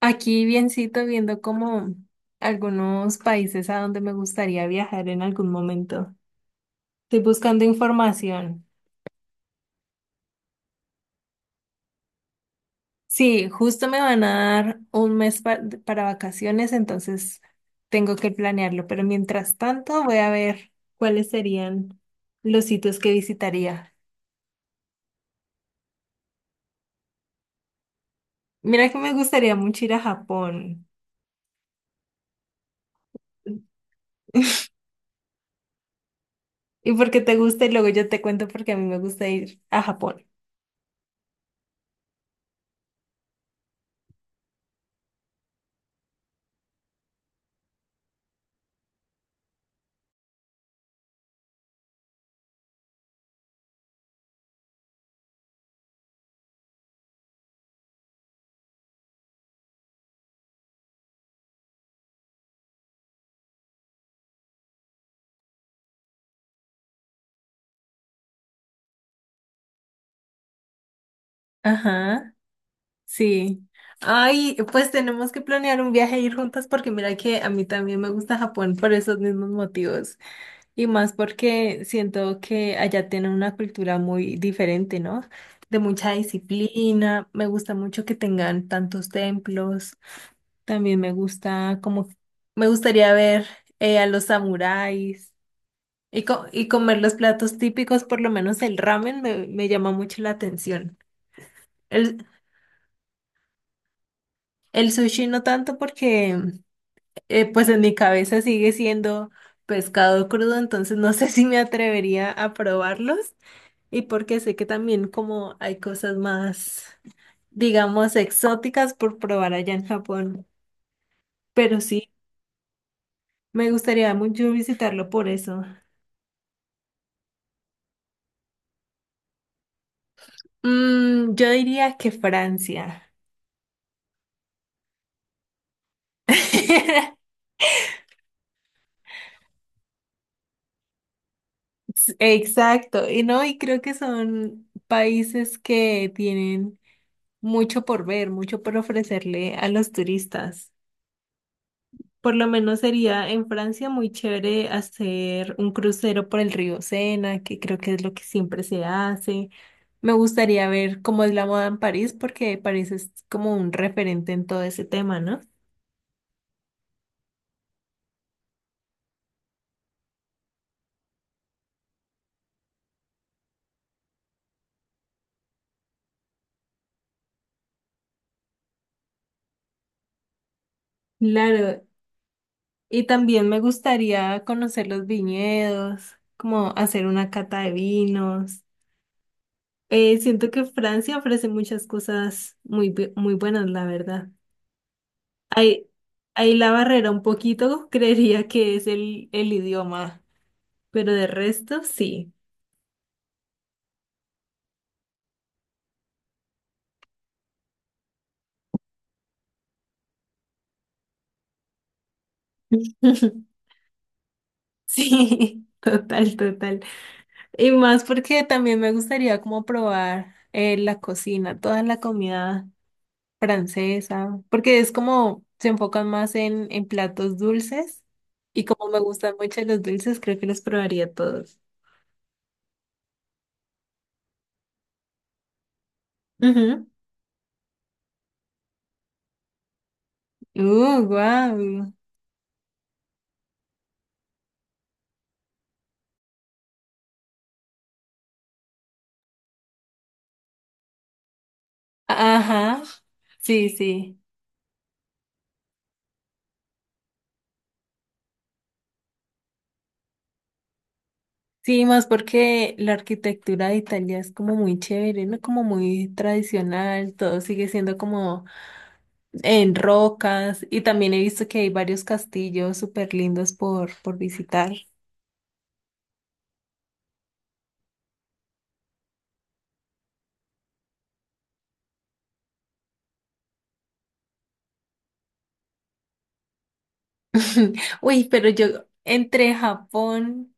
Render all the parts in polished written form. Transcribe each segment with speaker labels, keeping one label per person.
Speaker 1: Aquí biencito viendo como algunos países a donde me gustaría viajar en algún momento. Estoy buscando información. Sí, justo me van a dar un mes para vacaciones, entonces tengo que planearlo. Pero mientras tanto voy a ver cuáles serían los sitios que visitaría. Mira que me gustaría mucho ir a Japón. ¿Y porque te gusta? Y luego yo te cuento porque a mí me gusta ir a Japón. Ajá. Sí. Ay, pues tenemos que planear un viaje e ir juntas porque mira que a mí también me gusta Japón por esos mismos motivos y más porque siento que allá tienen una cultura muy diferente, ¿no? De mucha disciplina, me gusta mucho que tengan tantos templos, también me gusta como, me gustaría ver a los samuráis y, y comer los platos típicos, por lo menos el ramen me llama mucho la atención. El, el sushi no tanto porque pues en mi cabeza sigue siendo pescado crudo, entonces no sé si me atrevería a probarlos y porque sé que también como hay cosas más, digamos, exóticas por probar allá en Japón, pero sí, me gustaría mucho visitarlo por eso. Yo diría que Francia. Exacto, y no, y creo que son países que tienen mucho por ver, mucho por ofrecerle a los turistas. Por lo menos sería en Francia muy chévere hacer un crucero por el río Sena, que creo que es lo que siempre se hace. Me gustaría ver cómo es la moda en París, porque París es como un referente en todo ese tema, ¿no? Claro, y también me gustaría conocer los viñedos, como hacer una cata de vinos. Siento que Francia ofrece muchas cosas muy, muy buenas, la verdad. Ahí, ahí la barrera un poquito, creería que es el idioma, pero de resto sí. Sí, total, total. Y más porque también me gustaría como probar la cocina, toda la comida francesa, porque es como se enfocan más en platos dulces y como me gustan mucho los dulces, creo que los probaría todos. Ujú. Wow. Ajá. Sí, sí. Sí, más porque la arquitectura de Italia es como muy chévere, ¿no? Como muy tradicional, todo sigue siendo como en rocas y también he visto que hay varios castillos súper lindos por visitar. Uy, pero yo entre Japón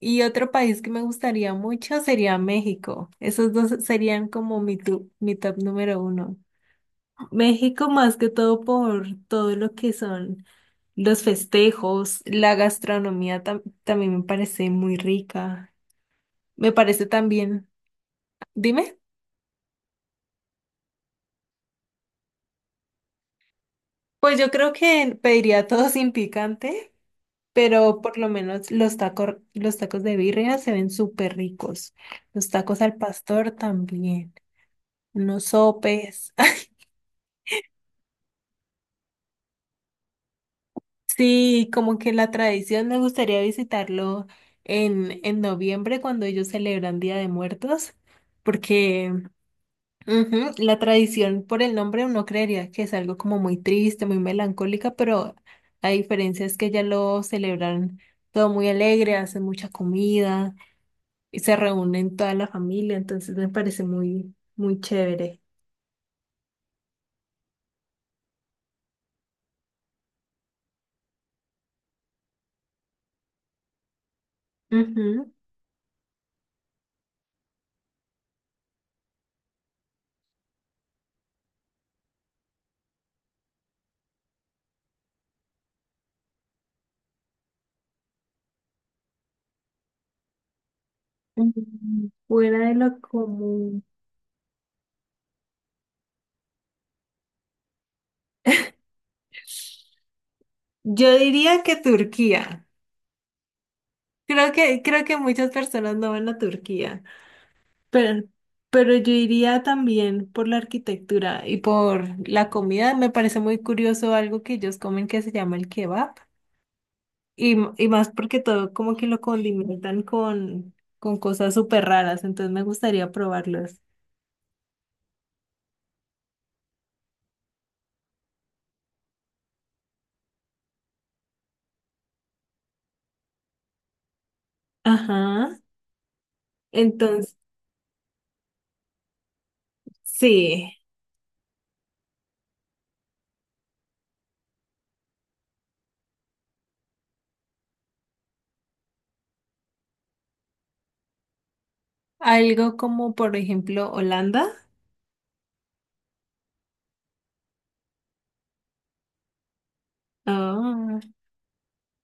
Speaker 1: y otro país que me gustaría mucho sería México. Esos dos serían como mi, mi top número uno. México más que todo por todo lo que son los festejos, la gastronomía también me parece muy rica. Me parece también, dime, pues yo creo que pediría todo sin picante, pero por lo menos los tacos de birria se ven súper ricos. Los tacos al pastor también, unos sopes. Sí, como que la tradición me gustaría visitarlo en noviembre cuando ellos celebran Día de Muertos, porque ujú, la tradición por el nombre uno creería que es algo como muy triste, muy melancólica, pero la diferencia es que ya lo celebran todo muy alegre, hacen mucha comida y se reúnen toda la familia, entonces me parece muy, muy chévere. Ujú. Fuera de lo común. Yo diría que Turquía. Creo que muchas personas no van a Turquía, pero, pero yo iría también por la arquitectura y por la comida. Me parece muy curioso algo que ellos comen que se llama el kebab. Y, y más porque todo como que lo condimentan con cosas súper raras, entonces me gustaría probarlos. Ajá. Entonces, sí. Algo como, por ejemplo, Holanda. Ah.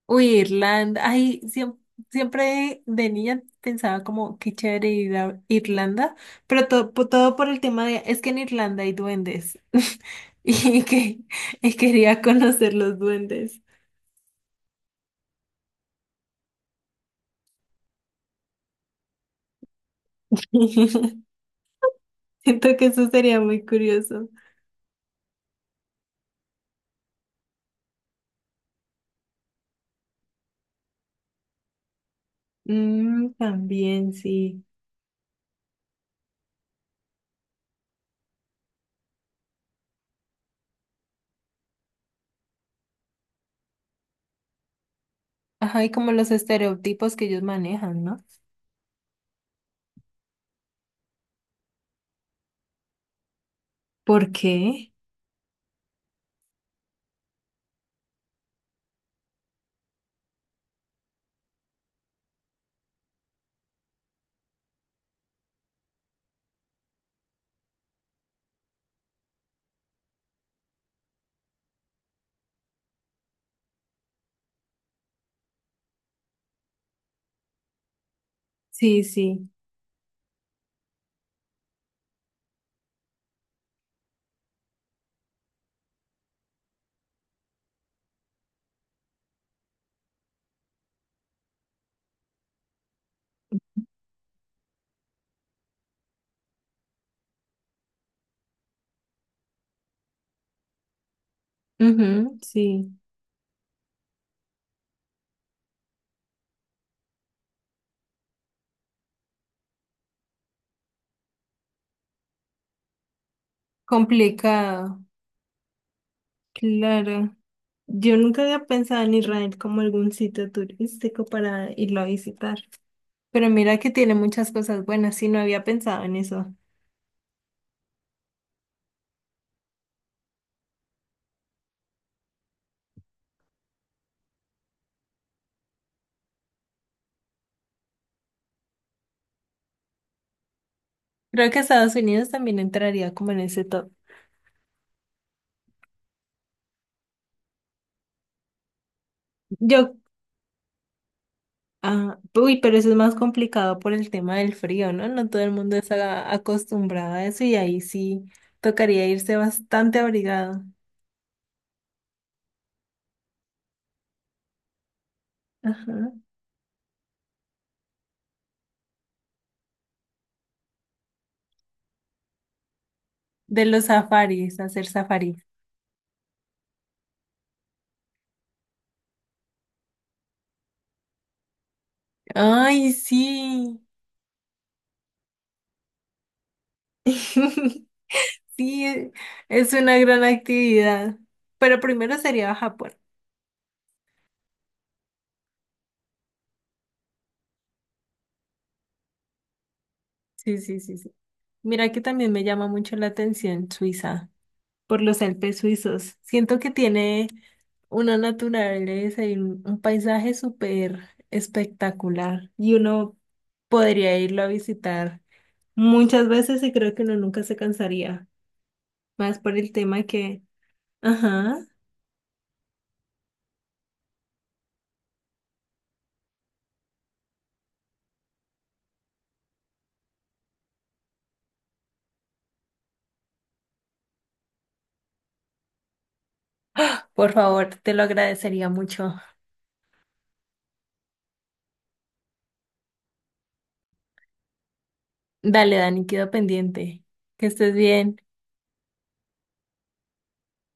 Speaker 1: Uy, Irlanda. Ay, siempre, de niña pensaba como qué chévere ir a Irlanda, pero todo, todo por el tema de, es que en Irlanda hay duendes y que y quería conocer los duendes. Siento que eso sería muy curioso. Mm, también sí. Ajá, y como los estereotipos que ellos manejan, ¿no? ¿Por qué? Sí, sí. Ujú, sí. Complicado. Claro. Yo nunca había pensado en Israel como algún sitio turístico para irlo a visitar, pero mira que tiene muchas cosas buenas y no había pensado en eso. Creo que Estados Unidos también entraría como en ese top. Yo, ah, uy, pero eso es más complicado por el tema del frío, ¿no? No todo el mundo está acostumbrado a eso y ahí sí tocaría irse bastante abrigado. Ajá. De los safaris, hacer safaris. Ay, sí. Sí, es una gran actividad. Pero primero sería Japón. Sí, sí, sí, sí. Mira que también me llama mucho la atención Suiza, por los Alpes suizos. Siento que tiene una naturaleza y un paisaje súper espectacular. Y uno podría irlo a visitar muchas veces y creo que uno nunca se cansaría. Más por el tema que... Ajá. Por favor, te lo agradecería mucho. Dale, Dani, quedo pendiente. Que estés bien.